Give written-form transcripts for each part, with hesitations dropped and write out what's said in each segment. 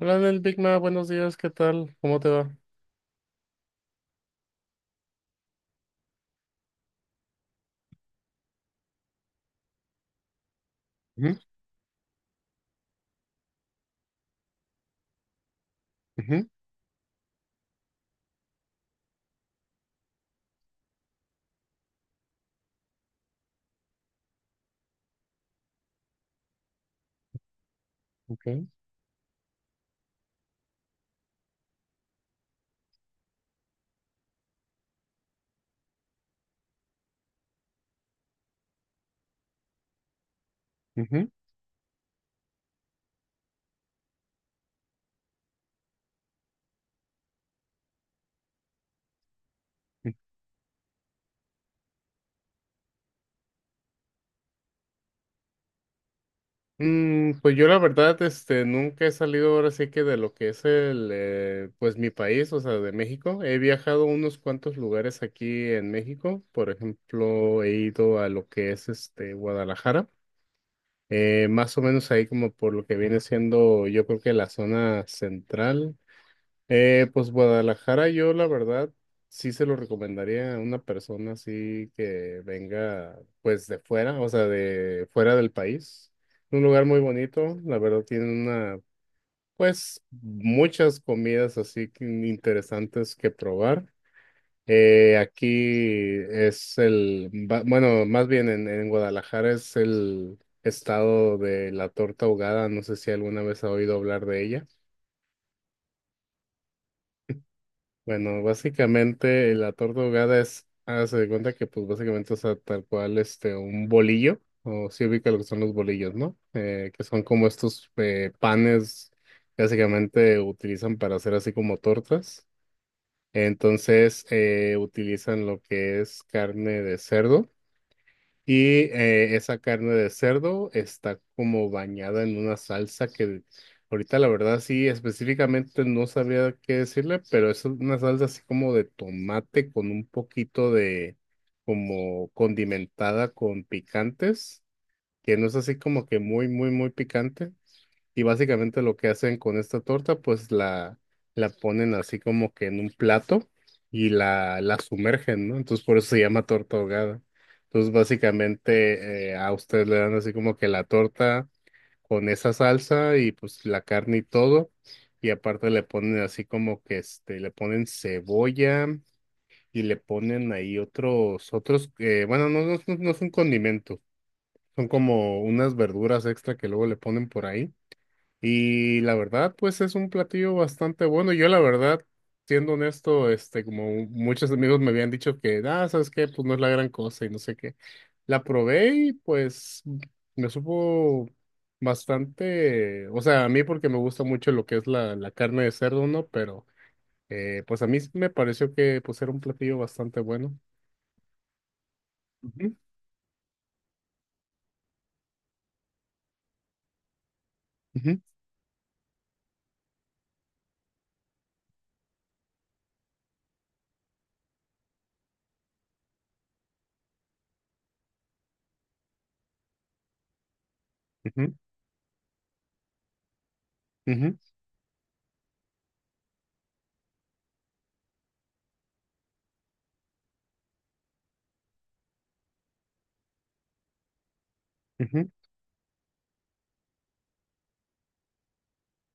Hola, Nel Big Ma, buenos días, ¿qué tal? ¿Cómo te va? Ujú, ujú, ok, ujú, ujú. Pues yo la verdad, nunca he salido ahora sí que de lo que es el mi país, o sea, de México. He viajado a unos cuantos lugares aquí en México. Por ejemplo, he ido a lo que es este Guadalajara. Más o menos ahí como por lo que viene siendo, yo creo que la zona central. Pues Guadalajara, yo la verdad sí se lo recomendaría a una persona así que venga pues de fuera, o sea, de fuera del país. Un lugar muy bonito, la verdad tiene pues muchas comidas así que interesantes que probar. Aquí es bueno, más bien en Guadalajara es el estado de la torta ahogada, no sé si alguna vez ha oído hablar de ella. Bueno, básicamente la torta ahogada es, hágase de cuenta que pues básicamente, o sea, tal cual un bolillo, o si ubica lo que son los bolillos, ¿no? Que son como estos panes que básicamente utilizan para hacer así como tortas. Entonces utilizan lo que es carne de cerdo. Y esa carne de cerdo está como bañada en una salsa que ahorita la verdad sí específicamente no sabría qué decirle, pero es una salsa así como de tomate con un poquito de como condimentada con picantes, que no es así como que muy, muy, muy picante. Y básicamente lo que hacen con esta torta, la ponen así como que en un plato y la sumergen, ¿no? Entonces por eso se llama torta ahogada. Entonces básicamente a ustedes le dan así como que la torta con esa salsa y pues la carne y todo. Y aparte le ponen así como que le ponen cebolla y le ponen ahí otros, bueno, no, no, no es un condimento, son como unas verduras extra que luego le ponen por ahí. Y la verdad, pues es un platillo bastante bueno. Yo la verdad, siendo honesto, como muchos amigos me habían dicho que, ah, ¿sabes qué? Pues no es la gran cosa y no sé qué. La probé y pues me supo bastante, o sea, a mí porque me gusta mucho lo que es la carne de cerdo, ¿no? Pero pues a mí sí me pareció que pues era un platillo bastante bueno. Ujú, ujú, ujú, ujú,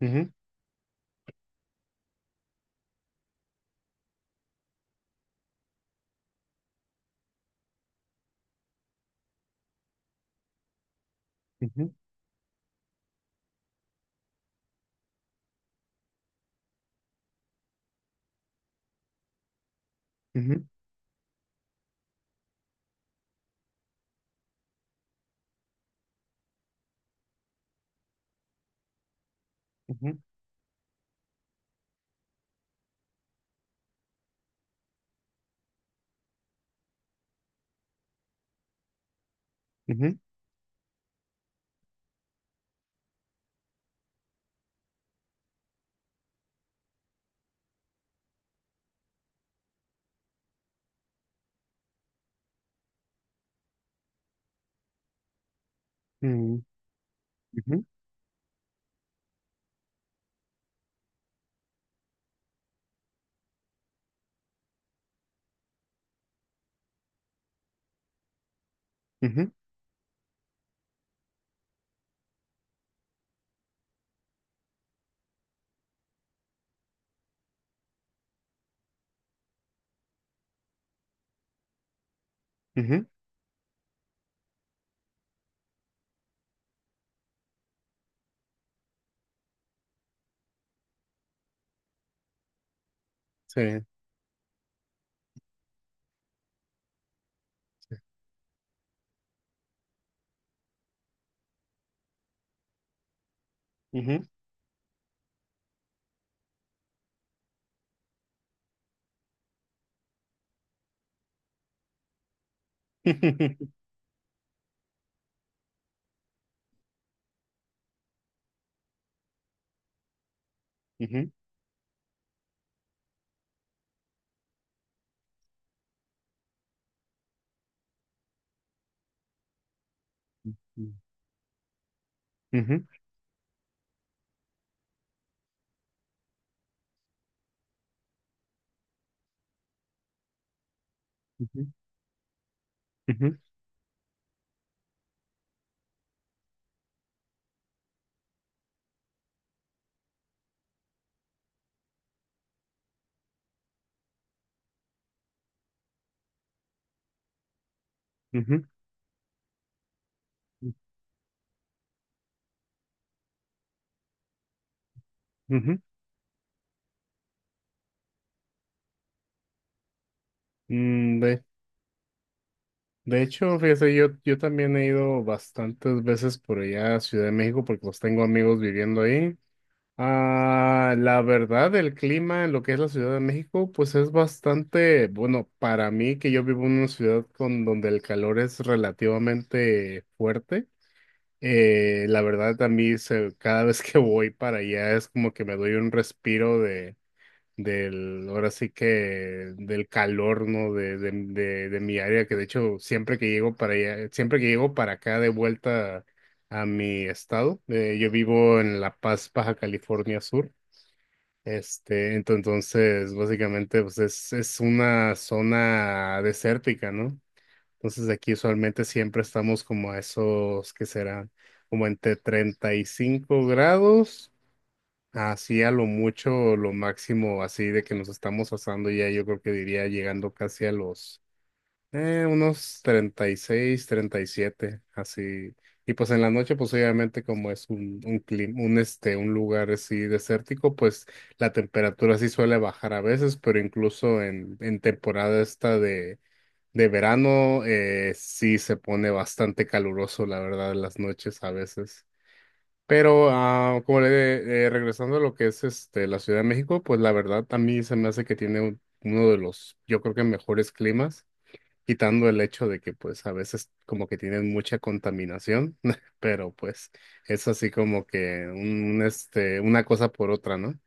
ujú, ujú, ujú, ujú, ujú, ujú, ujú, ujú, ujú, ujú. Sí. Ujú. Ujú. Ujú. Ujú. Ujú. Ujú. Ujú. Mm, De, de hecho, fíjese, yo también he ido bastantes veces por allá a Ciudad de México porque los tengo amigos viviendo ahí. Ah, la verdad, el clima en lo que es la Ciudad de México, pues es bastante, bueno, para mí que yo vivo en una ciudad con donde el calor es relativamente fuerte. La verdad, a mí se- cada vez que voy para allá es como que me doy un respiro de ahora sí que del calor, ¿no? De mi área, que de hecho siempre que llego para allá, siempre que llego para acá de vuelta a mi estado, yo vivo en La Paz, Baja California Sur. Entonces, básicamente, pues es una zona desértica, ¿no? Entonces aquí usualmente siempre estamos como a esos, que será como entre 35 grados, así a lo mucho, lo máximo, así de que nos estamos asando ya, yo creo que diría llegando casi a los unos 36, 37, así. Y pues en la noche, pues obviamente como es un clima, un lugar así desértico, pues la temperatura sí suele bajar a veces, pero incluso en temporada esta de verano, sí se pone bastante caluroso, la verdad, las noches a veces. Pero ah, regresando a lo que es este la Ciudad de México, pues la verdad a mí se me hace que tiene uno de los, yo creo que mejores climas, quitando el hecho de que pues a veces como que tienen mucha contaminación, pero pues es así como que un, este una cosa por otra, ¿no?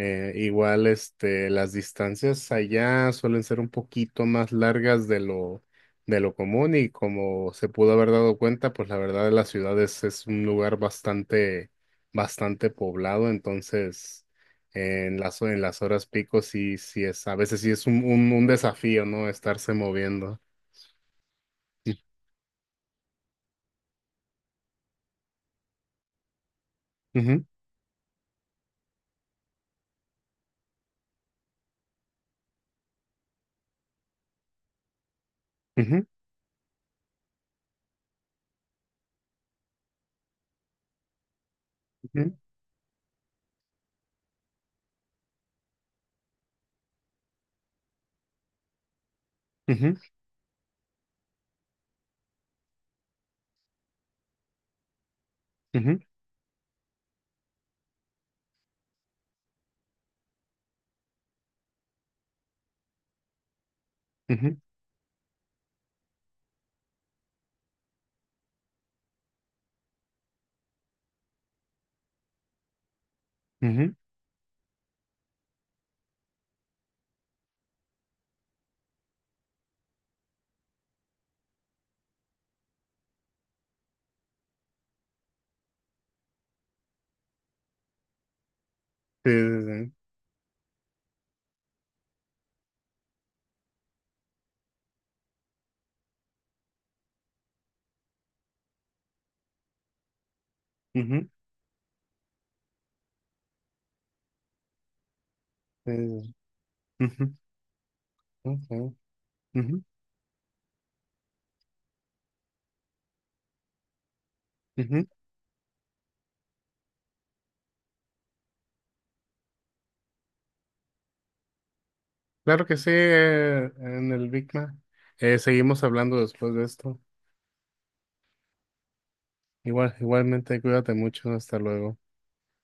Igual, las distancias allá suelen ser un poquito más largas de lo común y como se pudo haber dado cuenta, pues la verdad las ciudades es un lugar bastante, bastante poblado, entonces en las horas pico sí, sí es, a veces sí es un desafío, ¿no? Estarse moviendo. Ujú, ujú, ujú, ujú, ujú, ujú, ujú. Ujú. Sí, sí, sí. Ujú, sí, sí, sí. Ujú, ujú, ujú, ujú. Claro que sí, en el Big Mac. Seguimos hablando después de esto. Igual, igualmente, cuídate mucho. Hasta luego.